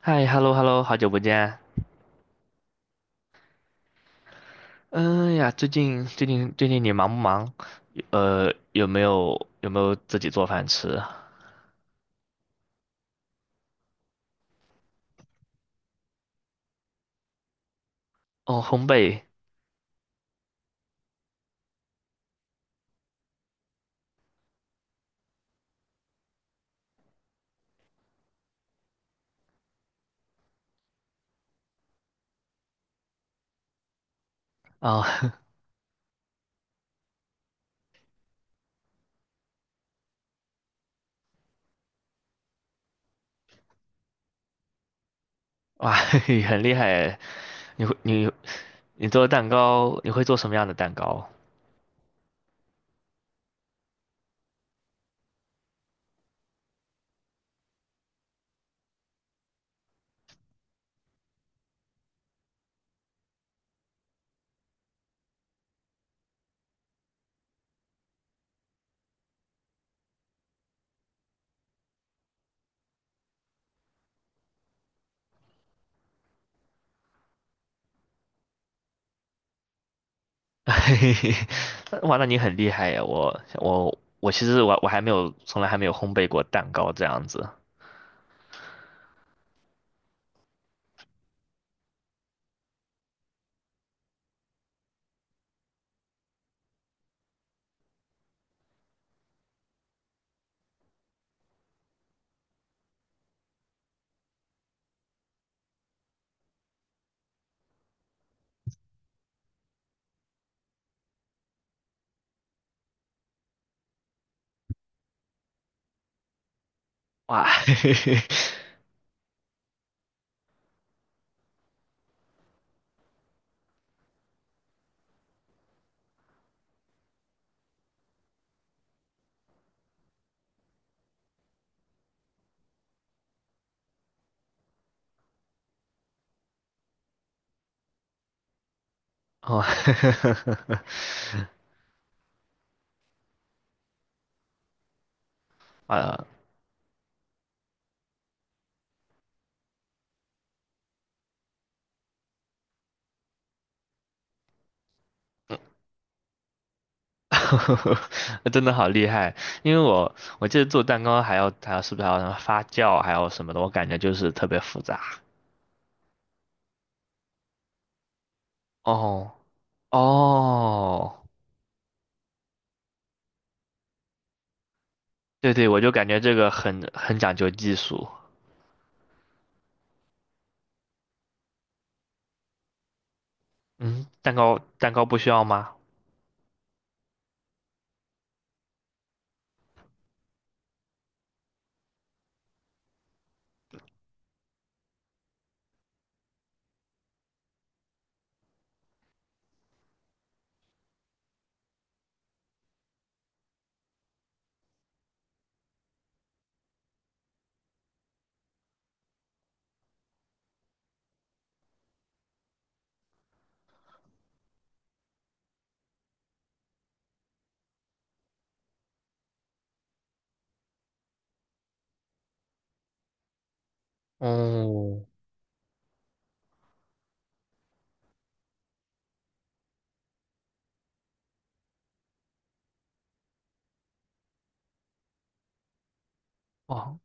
嗨，hello hello，好久不见。嗯呀，最近你忙不忙？有没有自己做饭吃？哦，烘焙啊，哇，很厉害。你会你你做蛋糕，你会做什么样的蛋糕？嘿嘿嘿，哇，那你很厉害呀！我其实我还没有从来还没有烘焙过蛋糕这样子。哇，嘿嘿嘿，哦，啊，真的好厉害，因为我记得做蛋糕还要还要是不是还要什么发酵，还有什么的，我感觉就是特别复杂。哦哦，对对，我就感觉这个很讲究技术。嗯，蛋糕不需要吗？哦哦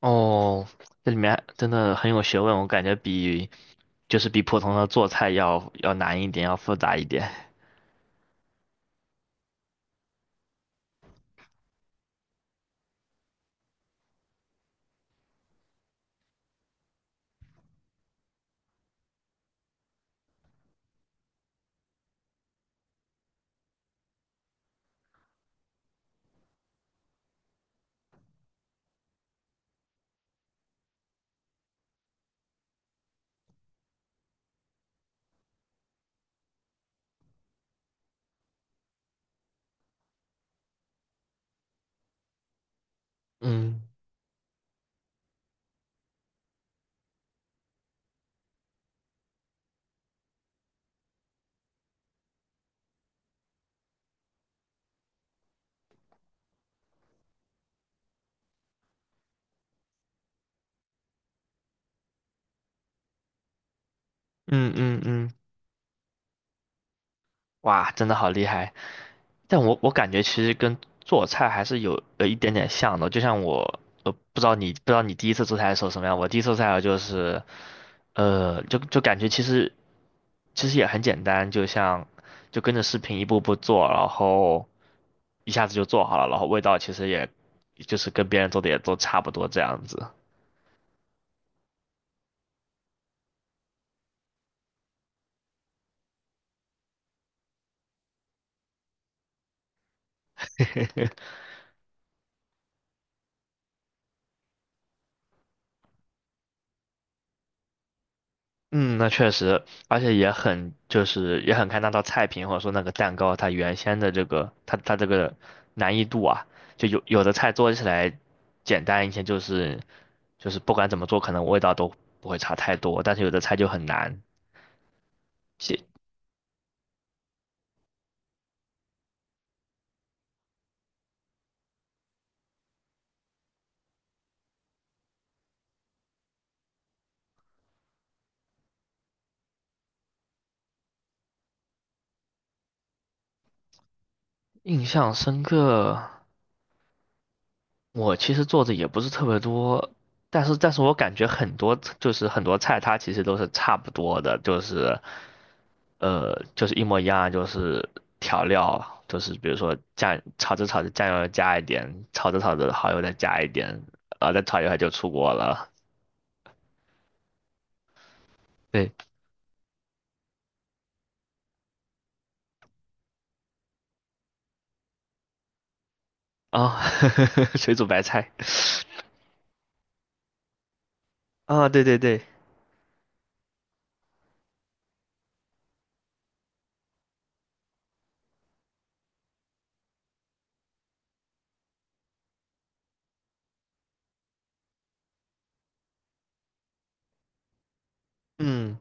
哦，这里面真的很有学问，我感觉比就是比普通的做菜要难一点，要复杂一点。嗯嗯嗯嗯，哇，真的好厉害。但我感觉其实跟做菜还是有一点点像的，就像我呃不知道你第一次做菜的时候什么样，我第一次做菜就是呃就就感觉其实也很简单，就跟着视频一步步做，然后一下子就做好了，然后味道其实也就是跟别人做的也都差不多这样子。嗯，那确实，而且也很看那道菜品或者说那个蛋糕它原先的这个它这个难易度啊，就有的菜做起来简单一些，就是不管怎么做，可能味道都不会差太多，但是有的菜就很难。记印象深刻，我其实做的也不是特别多，但是我感觉很多菜它其实都是差不多的，就是。就是一模一样，就是调料，就是比如说酱，炒着炒着酱油加一点，炒着炒着蚝油再加一点，啊，再炒一会儿就出锅了。对，啊、水煮白菜啊，对对对，嗯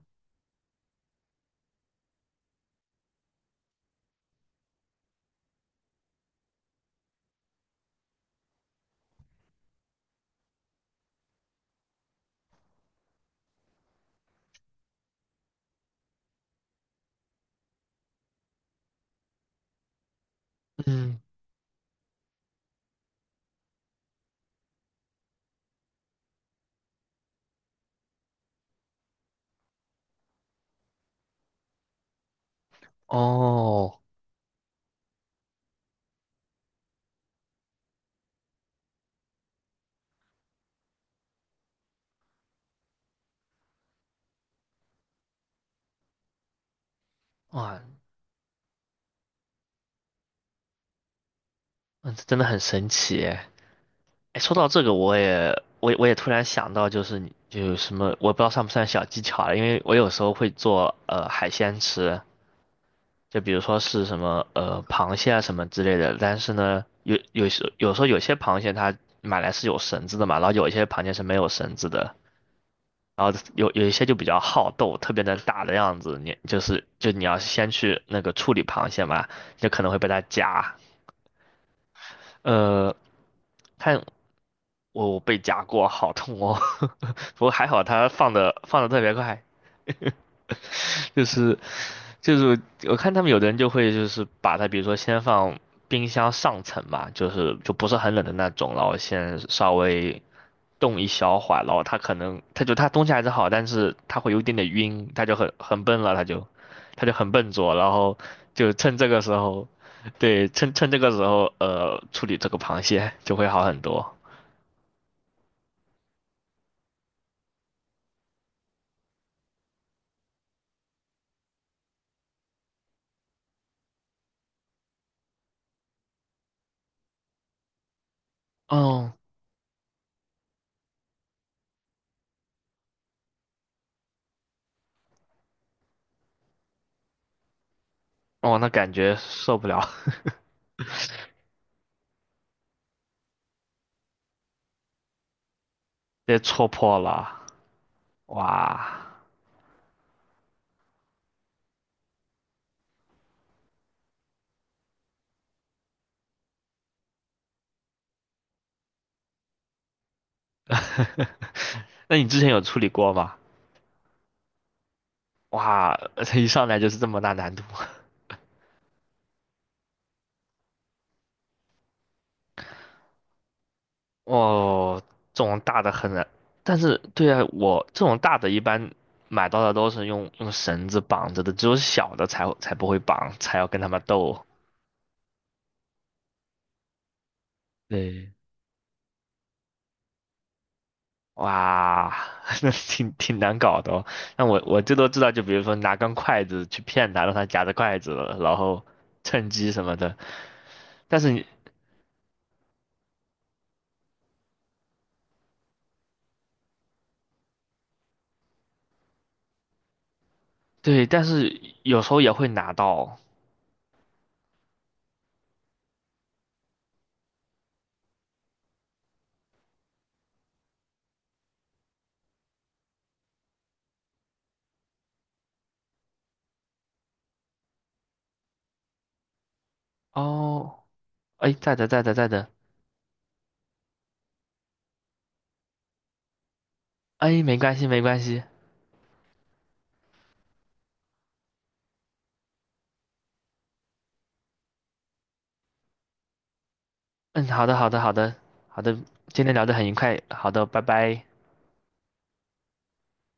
嗯，哦，哇，嗯这真的很神奇耶！哎，说到这个，我也突然想到，就是你就有什么，我不知道算不算小技巧了，因为我有时候会做海鲜吃。就比如说是什么螃蟹啊什么之类的，但是呢，有时候有些螃蟹它买来是有绳子的嘛，然后有一些螃蟹是没有绳子的，然后有一些就比较好斗，特别能打的样子，你就是就你要先去那个处理螃蟹嘛，就可能会被它夹，呃，看我被夹过，好痛哦，不过还好它放的特别快，就是就是我看他们有的人就会就是把它，比如说先放冰箱上层嘛，就是就不是很冷的那种，然后先稍微冻一小会儿，然后它可能它就它东西还是好，但是它会有一点点晕，它就很笨了，它就很笨拙，然后就趁这个时候，对，趁这个时候处理这个螃蟹就会好很多。哦哦，那感觉受不了，被戳破了，哇！那你之前有处理过吗？哇，一上来就是这么大难度哦，这种大的很难。但是，对啊，我这种大的一般买到的都是用绳子绑着的，只有小的才不会绑，才要跟他们斗。对，哇，那挺难搞的哦。那我最多知道，就比如说拿根筷子去骗他，让他夹着筷子，然后趁机什么的。但是你对，但是有时候也会拿到哦。哎，在的在的在的，哎，没关系没关系。嗯，好的，好的，好的，好的，今天聊得很愉快，好的，拜拜。